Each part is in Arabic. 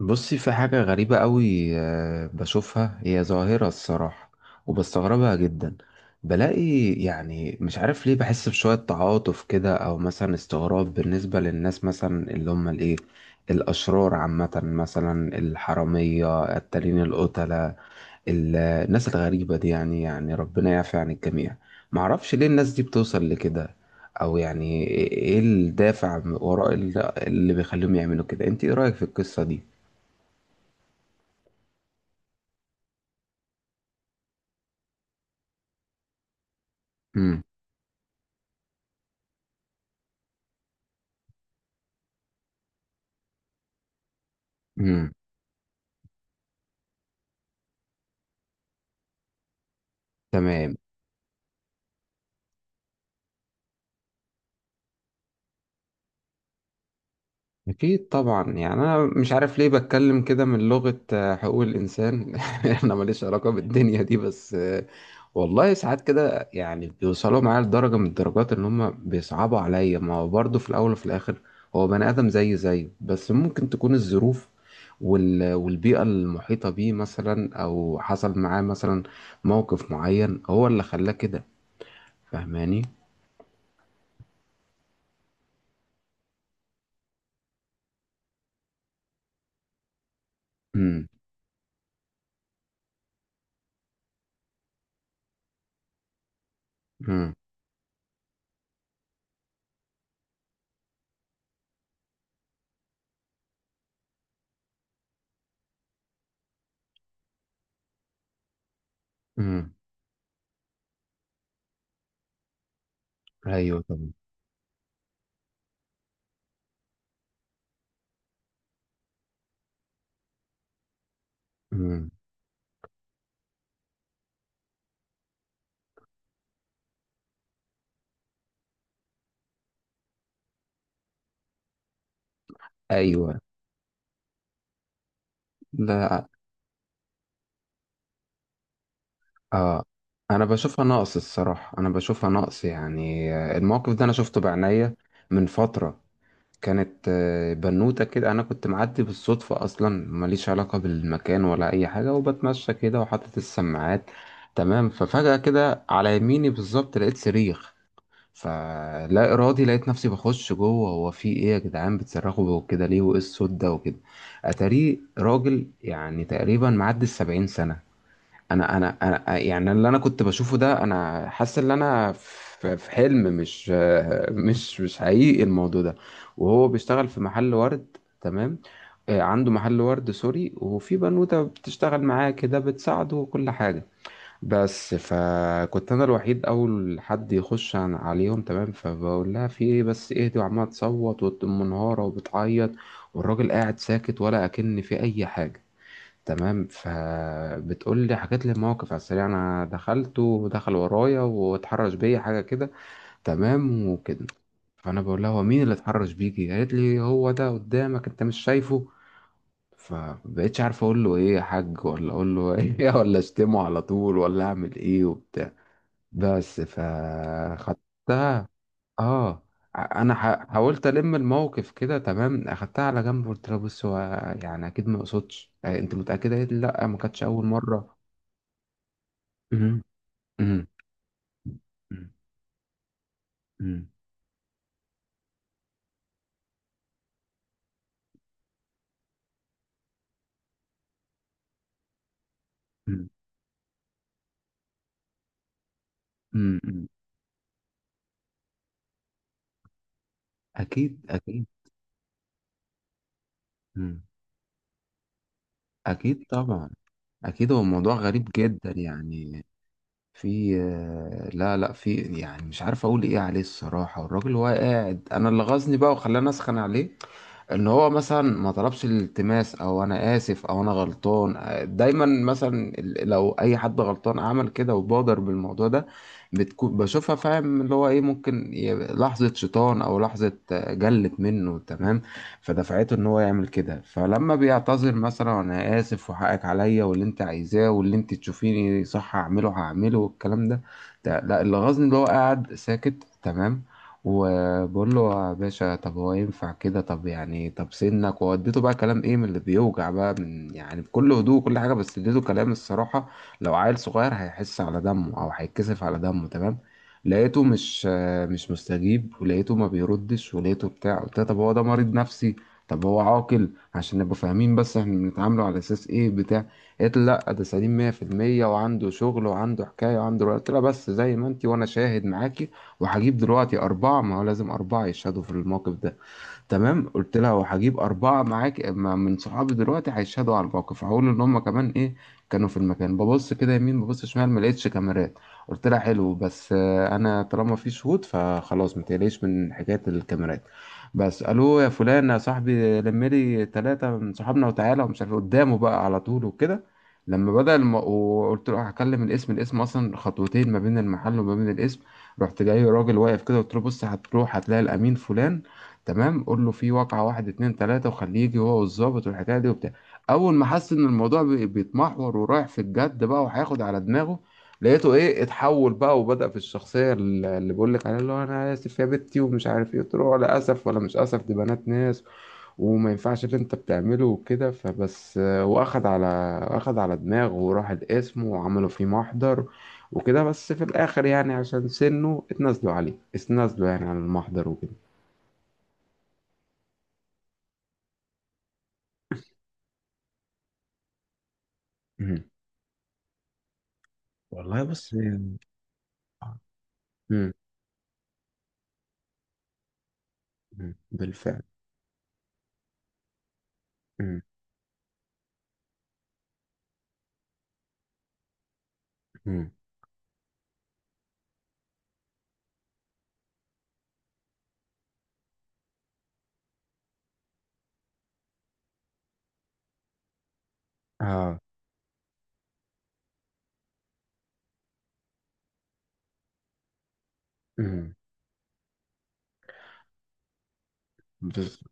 بصي في حاجة غريبة قوي بشوفها هي ظاهرة الصراحة، وبستغربها جدا. بلاقي يعني مش عارف ليه بحس بشوية تعاطف كده، أو مثلا استغراب بالنسبة للناس مثلا اللي هم الإيه، الأشرار عامة، مثلا الحرامية التالين القتلة، الناس الغريبة دي، يعني ربنا يعفي عن الجميع. معرفش ليه الناس دي بتوصل لكده، أو يعني إيه الدافع وراء اللي بيخليهم يعملوا كده. أنت إيه رأيك في القصة دي؟ امم امم. تمام. اكيد طبعا، يعني انا مش عارف ليه بتكلم كده من لغة حقوق الانسان. انا ماليش علاقة بالدنيا دي، بس والله ساعات كده يعني بيوصلوا معايا لدرجة من الدرجات، ان هم بيصعبوا عليا. ما هو برضه في الاول وفي الاخر هو بني ادم زي زيه، بس ممكن تكون الظروف والبيئة المحيطة بيه، مثلا او حصل معاه مثلا موقف معين هو اللي خلاه كده. فاهماني؟ امم امم امم. ايوه. مم. ايوه. لا. اه. انا بشوفها نقص الصراحه، انا بشوفها نقص، يعني الموقف ده انا شفته بعينيا من فتره. كانت بنوته كده، انا كنت معدي بالصدفه، اصلا ماليش علاقه بالمكان ولا اي حاجه، وبتمشى كده وحاطط السماعات، تمام. ففجاه كده على يميني بالظبط لقيت صريخ، فلا ارادي لقيت نفسي بخش جوه. هو في ايه يا جدعان بتصرخوا كده ليه، وايه الصوت ده وكده. اتاريه راجل يعني تقريبا معدي 70 سنة. انا يعني اللي انا كنت بشوفه ده، انا حاسس ان انا في حلم، مش مش حقيقي الموضوع ده. وهو بيشتغل في محل ورد، تمام. عنده محل ورد سوري، وفي بنوتة بتشتغل معاه كده بتساعده وكل حاجة. بس فكنت انا الوحيد اول حد يخش عليهم، تمام. فبقول لها في ايه بس اهدي، وعماله تصوت ومنهاره وبتعيط، والراجل قاعد ساكت ولا اكن في اي حاجة، تمام. فبتقول لي حكيت لي الموقف على السريع، انا دخلت ودخل ورايا واتحرش بيا حاجه كده، تمام وكده. فانا بقول لها هو مين اللي اتحرش بيكي، قالت لي هو ده قدامك، انت مش شايفه. فبقيتش عارف اقول له ايه يا حاج، ولا اقول له ايه، ولا اشتمه على طول، ولا اعمل ايه وبتاع. بس فخدتها. اه. انا حاولت الموقف كده، تمام. اخدتها على جنب، قلت لها بص هو يعني اكيد ما اقصدش، انت متاكده؟ قالت لي لا، ما كانتش اول مره. مم. مم. مم. مم. مم. مم. أكيد، أكيد. مم. أكيد طبعا. أكيد، هو موضوع غريب جدا يعني. في لا، لا، في، يعني مش عارف أقول إيه عليه الصراحة. والراجل هو قاعد، أنا اللي غزني بقى وخلاني أسخن عليه، ان هو مثلا ما طلبش الالتماس، او انا اسف، او انا غلطان. دايما مثلا لو اي حد غلطان عمل كده وبادر بالموضوع ده، بتكون بشوفها فاهم، اللي هو ايه ممكن لحظة شيطان او لحظة جلت منه، تمام، فدفعته ان هو يعمل كده. فلما بيعتذر مثلا، انا اسف وحقك عليا، واللي انت عايزاه واللي انت تشوفيني صح هعمله، هعمله والكلام ده. لا، اللي غاظني اللي هو قاعد ساكت، تمام. وبقول له يا باشا طب هو ينفع كده، طب يعني طب سنك، ووديته بقى كلام ايه من اللي بيوجع بقى، من يعني بكل هدوء وكل حاجه، بس اديته كلام الصراحه لو عيل صغير هيحس على دمه، او هيتكسف على دمه، تمام. لقيته مش مش مستجيب، ولقيته ما بيردش، ولقيته بتاع. قلت له طب هو ده مريض نفسي، طب هو عاقل، عشان نبقى فاهمين بس احنا بنتعامله على اساس ايه بتاع. قالت لي لا، ده سليم 100%، وعنده شغل وعنده حكايه وعنده. قلت لها بس زي ما انت، وانا شاهد معاكي، وهجيب دلوقتي أربعة، ما هو لازم أربعة يشهدوا في الموقف ده، تمام. قلت لها وهجيب أربعة معاك من صحابي دلوقتي، هيشهدوا على الموقف، هقول إن هما كمان إيه كانوا في المكان. ببص كده يمين، ببص شمال، ما لقيتش كاميرات. قلت لها حلو، بس أنا طالما في شهود فخلاص ما تقلقيش من حكاية الكاميرات. بس الو يا فلان يا صاحبي لم لي ثلاثة من صحابنا وتعالى ومش عارف إيه، قدامه بقى على طول وكده. لما بدأ وقلت له هكلم الاسم، الاسم اصلا خطوتين ما بين المحل وما بين الاسم. رحت جاي راجل واقف كده، قلت له بص هتروح هتلاقي الامين فلان، تمام، قول له في واقعة واحد اتنين تلاتة، وخليه يجي هو والظابط والحكاية دي وبتاع. أول ما حس إن الموضوع بيتمحور ورايح في الجد بقى وهياخد على دماغه، لقيته إيه اتحول بقى وبدأ في الشخصية اللي بقول لك عليها، اللي هو أنا آسف يا بنتي، ومش عارف إيه. قلت له ولا أسف ولا مش أسف، دي بنات ناس، وما ينفعش اللي أنت بتعمله وكده. فبس وأخد على، أخد على دماغه وراح القسم وعملوا فيه محضر وكده. بس في الآخر يعني عشان سنه اتنازلوا عليه، اتنازلوا يعني عن المحضر وكده. والله بص آه، مم، مم، بالفعل. مم، مم، اه، مم، بالظبط.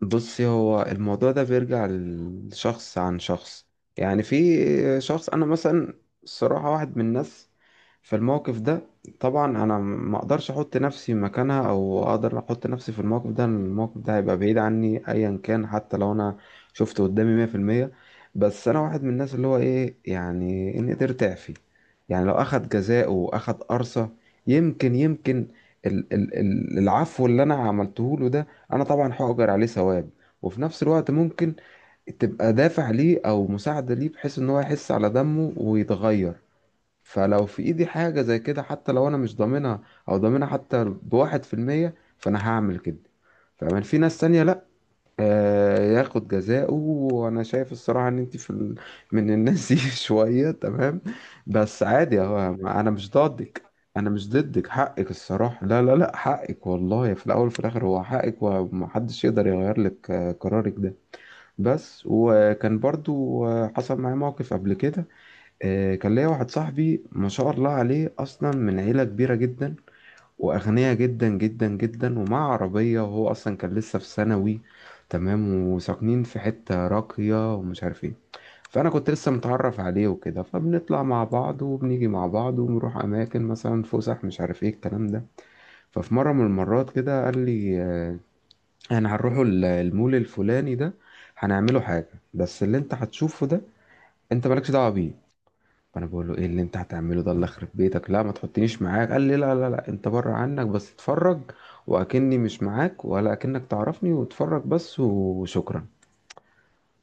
بصي هو الموضوع ده بيرجع لشخص عن شخص، يعني في شخص، انا مثلا الصراحة واحد من الناس، في الموقف ده طبعا انا ما اقدرش احط نفسي مكانها، او اقدر احط نفسي في الموقف ده، لأن الموقف ده هيبقى بعيد عني ايا كان، حتى لو انا شفته قدامي 100%. بس انا واحد من الناس اللي هو ايه يعني، ان قدرت اعفي، يعني لو اخد جزاءه واخد قرصة، يمكن يمكن العفو اللي انا عملته له ده، انا طبعا هأجر عليه ثواب، وفي نفس الوقت ممكن تبقى دافع ليه او مساعدة ليه، بحيث ان هو يحس على دمه ويتغير. فلو في ايدي حاجة زي كده، حتى لو انا مش ضامنها، او ضامنها حتى بـ1%، فانا هعمل كده. فمن في ناس تانية لأ، ياخد جزاءه. وانا شايف الصراحه ان انت من الناس دي شويه، تمام، بس عادي اهو. انا مش ضدك، انا مش ضدك، حقك الصراحه، لا لا لا، حقك والله، في الاول وفي الاخر هو حقك، ومحدش يقدر يغير لك قرارك ده. بس وكان برضو حصل معايا موقف قبل كده. كان ليا واحد صاحبي ما شاء الله عليه، اصلا من عيله كبيره جدا، واغنية جدا جدا جدا، ومع عربية، وهو اصلا كان لسه في ثانوي، تمام، وساكنين في حتة راقية ومش عارف ايه. فانا كنت لسه متعرف عليه وكده، فبنطلع مع بعض وبنيجي مع بعض وبنروح اماكن مثلا فسح، مش عارف ايه الكلام ده. ففي مره من المرات كده قال لي احنا هنروحوا المول الفلاني ده، هنعمله حاجه، بس اللي انت هتشوفه ده انت مالكش دعوه بيه. فانا بقول له ايه اللي انت هتعمله ده، اللي خرب بيتك لا، ما تحطنيش معاك. قال لي لا لا لا، انت بره عنك بس اتفرج، واكني مش معاك، ولا اكنك تعرفني، واتفرج بس وشكرا.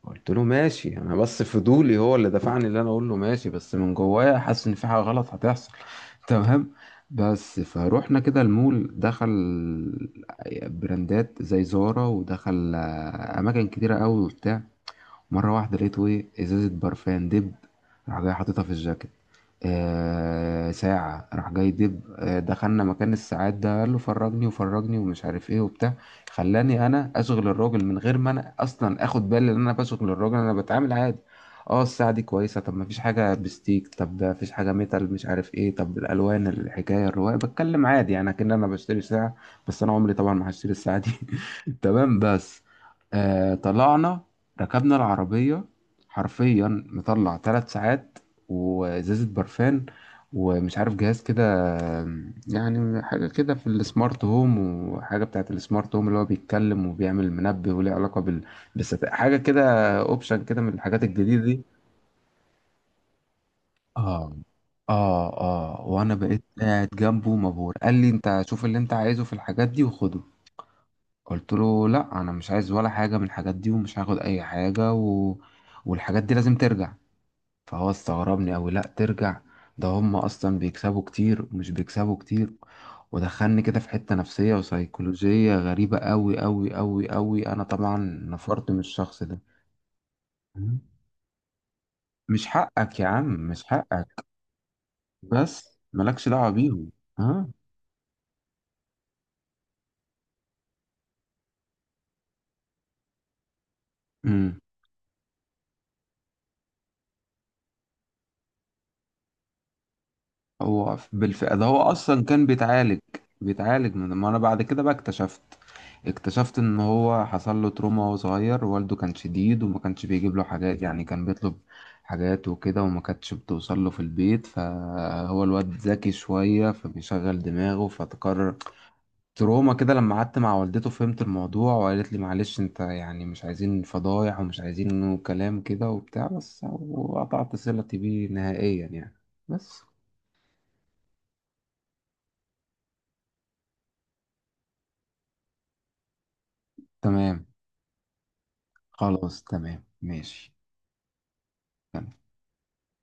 قلت له ماشي، انا بس فضولي هو اللي دفعني اللي انا اقول له ماشي، بس من جوايا حاسس ان في حاجه غلط هتحصل. تمام. بس فروحنا كده المول، دخل براندات زي زارا، ودخل اماكن كتيره قوي وبتاع. مرة واحدة لقيته إيه إزازة برفان دب، راح جاي حاططها في الجاكيت. آه ساعة راح جاي دب. آه دخلنا مكان الساعات ده، قال له فرجني وفرجني، ومش عارف إيه وبتاع. خلاني أنا أشغل الراجل، من غير ما أنا أصلا آخد بالي إن أنا بشغل الراجل. أنا بتعامل عادي، اه الساعة دي كويسة، طب مفيش حاجة بستيك، طب ده مفيش حاجة ميتال، مش عارف ايه، طب الألوان، الحكاية الرواية، بتكلم عادي يعني كأن أنا بشتري ساعة، بس أنا عمري طبعا ما هشتري الساعة دي. تمام، بس آه طلعنا، ركبنا العربية. حرفيا مطلع 3 ساعات، وإزازة برفان، ومش عارف جهاز كده، يعني حاجة كده في السمارت هوم، وحاجة بتاعت السمارت هوم اللي هو بيتكلم وبيعمل منبه وليه علاقة بال، بس حاجة كده، اوبشن كده من الحاجات الجديدة دي. اه. اه. اه وانا بقيت قاعد جنبه مبهور، قال لي انت شوف اللي انت عايزه في الحاجات دي وخده. قلت له لا انا مش عايز ولا حاجة من الحاجات دي، ومش هاخد اي حاجة، و... والحاجات دي لازم ترجع. فهو استغربني أوي، لأ ترجع، ده هم أصلا بيكسبوا كتير، ومش بيكسبوا كتير. ودخلني كده في حتة نفسية وسيكولوجية غريبة، أوي أوي أوي أوي. أنا طبعا نفرت من الشخص ده. مم. مش حقك يا عم، مش حقك، بس مالكش دعوة بيهم. ها. هو بالفعل ده، هو اصلا كان بيتعالج، بيتعالج من، ما انا بعد كده بقى اكتشفت، اكتشفت ان هو حصل له تروما وهو صغير، والده كان شديد، وما كانش بيجيب له حاجات، يعني كان بيطلب حاجات وكده، وما كانتش بتوصل له في البيت، فهو الواد ذكي شوية فبيشغل دماغه، فتقرر تروما كده. لما قعدت مع والدته فهمت الموضوع، وقالت لي معلش انت، يعني مش عايزين فضايح ومش عايزين انه كلام كده وبتاع، بس. وقطعت صلتي بيه نهائيا يعني، بس. تمام. خلاص، تمام، ماشي. تمام.